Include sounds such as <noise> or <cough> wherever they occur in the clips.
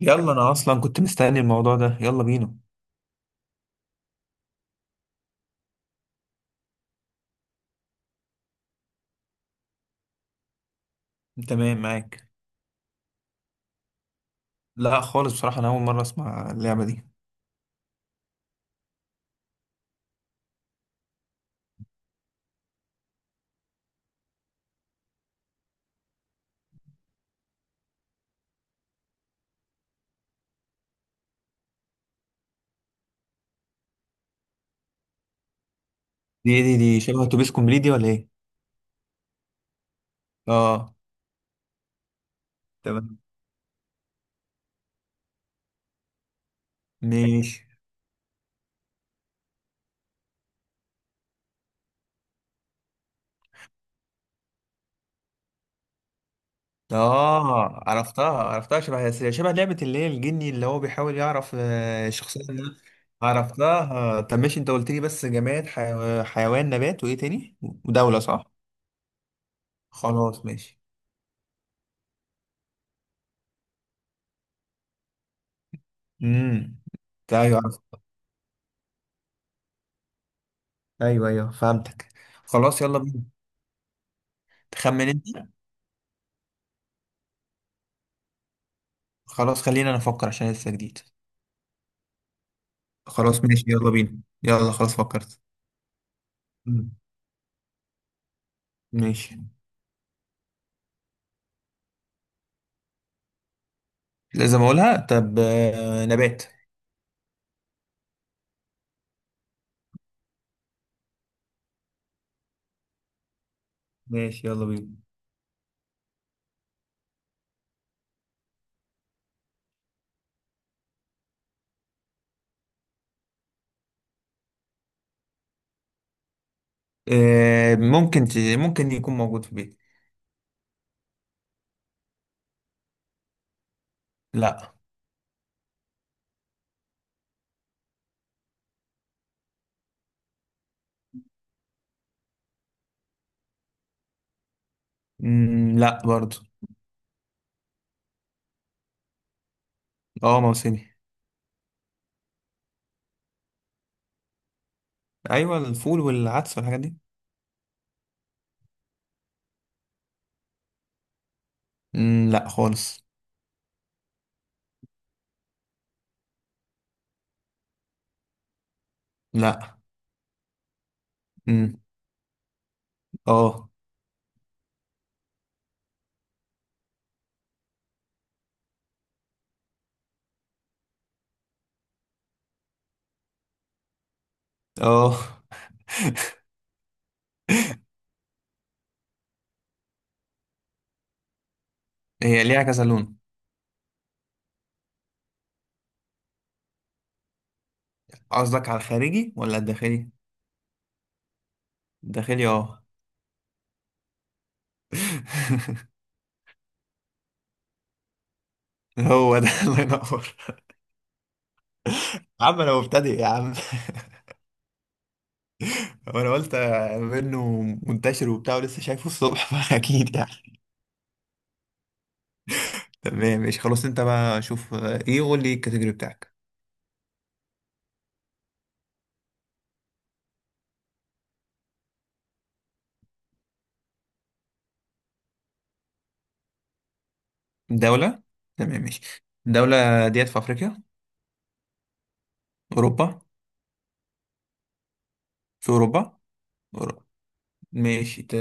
يلا انا اصلا كنت مستني الموضوع ده، يلا بينا. تمام معاك. لا خالص، بصراحة انا اول مرة اسمع اللعبة دي. دي شبه اتوبيس كومبليت دي ولا ايه؟ اه. تمام ماشي. اه عرفتها عرفتها، شبه لعبة اللي هي الجني اللي هو بيحاول يعرف الشخصية اللي. عرفتها. طب ماشي، انت قلت لي بس جماد حيوان نبات، وايه تاني؟ ودولة، صح؟ خلاص ماشي. امم، ايوه عرفت. ايوه ايوه فهمتك. خلاص يلا بينا. تخمن انت. خلاص خلينا نفكر عشان لسه جديد. خلاص ماشي يلا بينا، يلا خلاص فكرت. مم. ماشي. لازم اقولها. طب نبات. ماشي يلا بينا. ممكن ممكن يكون موجود في البيت. لا. مم، لا برضو. اه، موسمي. ايوه، الفول والعدس والحاجات دي. مم، لا خالص. لا. مم، اه. اه. هي ليها كذا لون. قصدك على الخارجي ولا الداخلي؟ الداخلي، اه. <laughs> هو ده، الله ينور. يا عم انا مبتدئ يا عم. <laughs> وانا قلت منه منتشر وبتاع ولسه شايفه الصبح <laughs> فاكيد يعني. تمام ماشي خلاص، انت بقى شوف ايه، قول لي الكاتيجوري بتاعك. دولة. تمام ماشي. الدولة ديت في افريقيا؟ اوروبا. في اوروبا. اوروبا. ماشي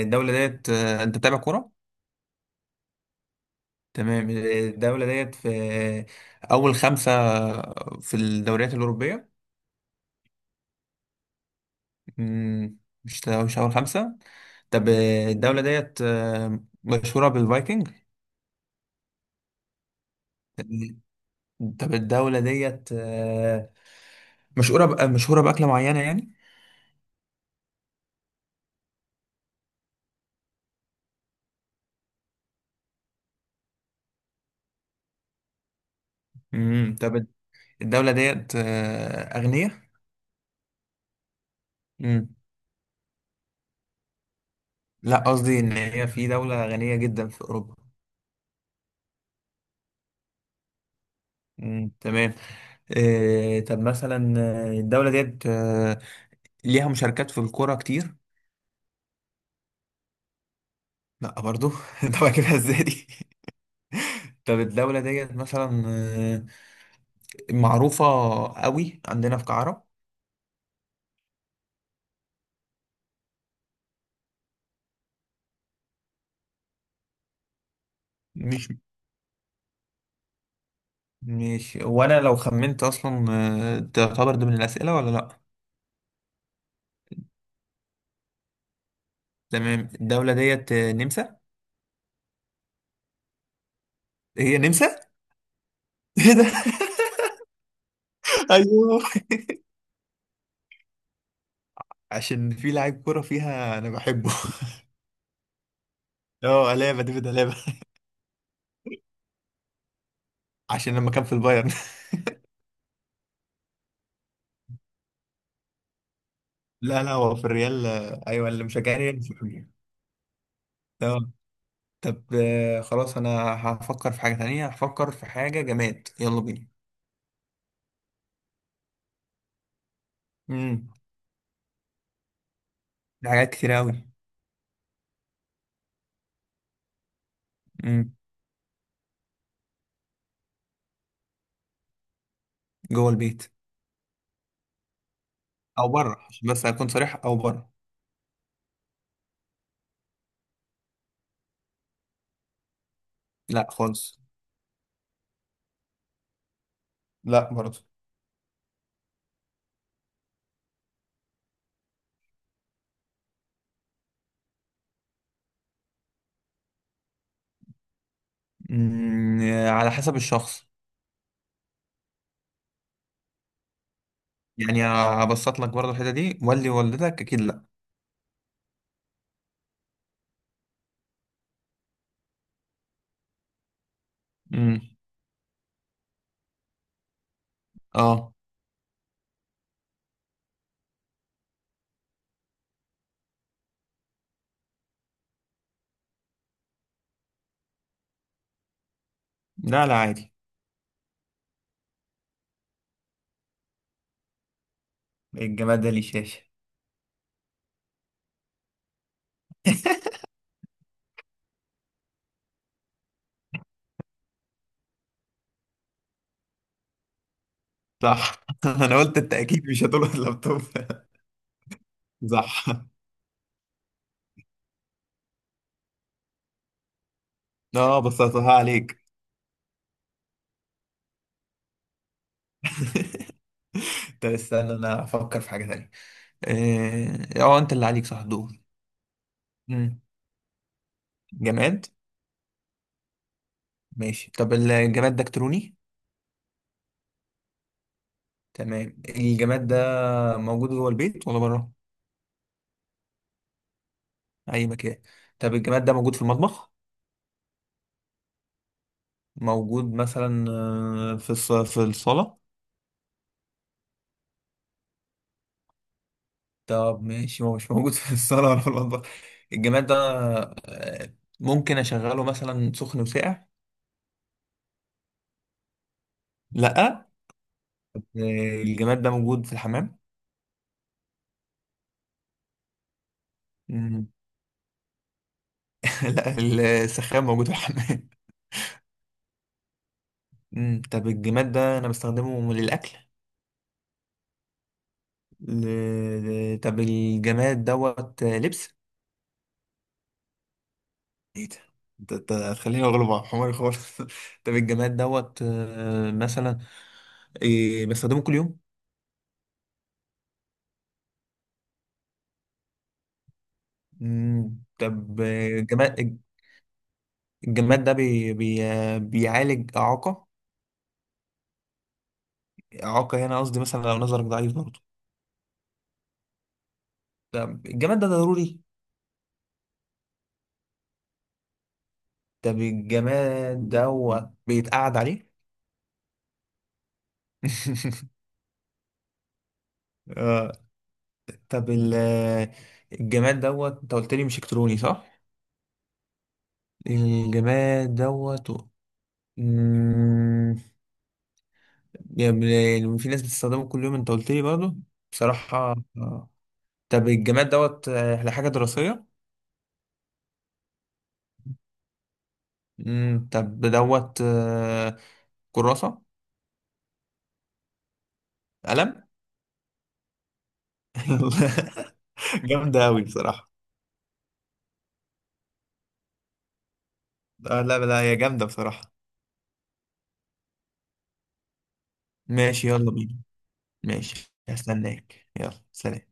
الدولة ديت انت بتابع كورة. تمام. الدولة ديت في اول خمسة في الدوريات الأوروبية. مم، مش اول خمسة. طب الدولة ديت مشهورة بالفايكنج. طب الدولة ديت مشهورة مشهورة بأكلة معينة يعني؟ طب الدولة ديت أغنية؟ امم، لا قصدي إن هي في دولة غنية جدا في أوروبا. امم، تمام. طب مثلا الدولة ديت ليها مشاركات في الكورة كتير؟ لا برضو. <laughs> طب أجيبها إزاي دي؟ <laughs> طب الدولة ديت مثلا معروفة قوي عندنا في كعرب؟ مش. ماشي وانا لو خمنت اصلا، تعتبر ضمن الاسئله ولا لا؟ تمام. الدوله ديت نمسا. هي نمسا. ايه ده! <laughs> ايوه. عشان في لاعب كوره فيها انا بحبه. <laughs> اه، الابا، ديفيد الابا. <laughs> عشان لما كان في البايرن. <laughs> لا لا، هو في الريال. ايوه، اللي مشجعني ريال مش بحبه. اه. طب خلاص انا هفكر في حاجه تانية، هفكر في حاجه جماد، يلا بينا. امم. في حاجات كتير قوي. امم جوه البيت. او بره عشان بس اكون صريح، او بره. لا خالص. لا برضه. مم، على حسب الشخص. يعني هبسط لك برضه الحتة دي، ولي والدتك أكيد لا. مم. اه. لا لا عادي. الجماد ده ليه شاشة؟ صح. <laughs> أنا قلت أنت أكيد مش هتقول اللابتوب. <laughs> صح. اه، بسطتها عليك. طب استنى انا افكر في حاجة تانية. اه أنت اللي عليك، صح دول. مم. جماد. ماشي. طب الجماد ده إلكتروني؟ تمام. الجماد ده موجود جوه البيت ولا بره؟ أي مكان. طب الجماد ده موجود في المطبخ؟ موجود مثلا في في الصالة؟ طب ماشي، هو مش موجود <laughs> في الصالة ولا في المطبخ. الجماد ده ممكن أشغله مثلا سخن وساقع؟ لأ. الجماد ده موجود في الحمام؟ مم. <laughs> لأ، السخان موجود في الحمام. <laughs> مم. طب الجماد ده أنا بستخدمه للأكل؟ طب الجماد دوت لبس؟ ايه ده. انت هتخليني اغلب على حماري خالص. <laughs> طب الجماد دوت مثلا إيه بستخدمه كل يوم. مم. طب الجماد ده بيعالج إعاقة؟ إعاقة هنا قصدي مثلا لو نظرك ضعيف برضه. طب الجماد ده ضروري؟ طب الجماد ده هو بيتقعد عليه؟ <laughs> آه. طب الجماد دوت انت قلت لي مش الكتروني، صح؟ الجماد دوت مم، يعني في ناس بتستخدمه كل يوم انت قلت لي برضه. بصراحة. طب الجماد دوت لحاجة دراسية؟ امم. طب دوت كراسة؟ قلم. <laughs> جامدة أوي بصراحة. آه، لا لا، هي جامدة بصراحة. ماشي يلا بينا. ماشي هستناك، يلا سلام.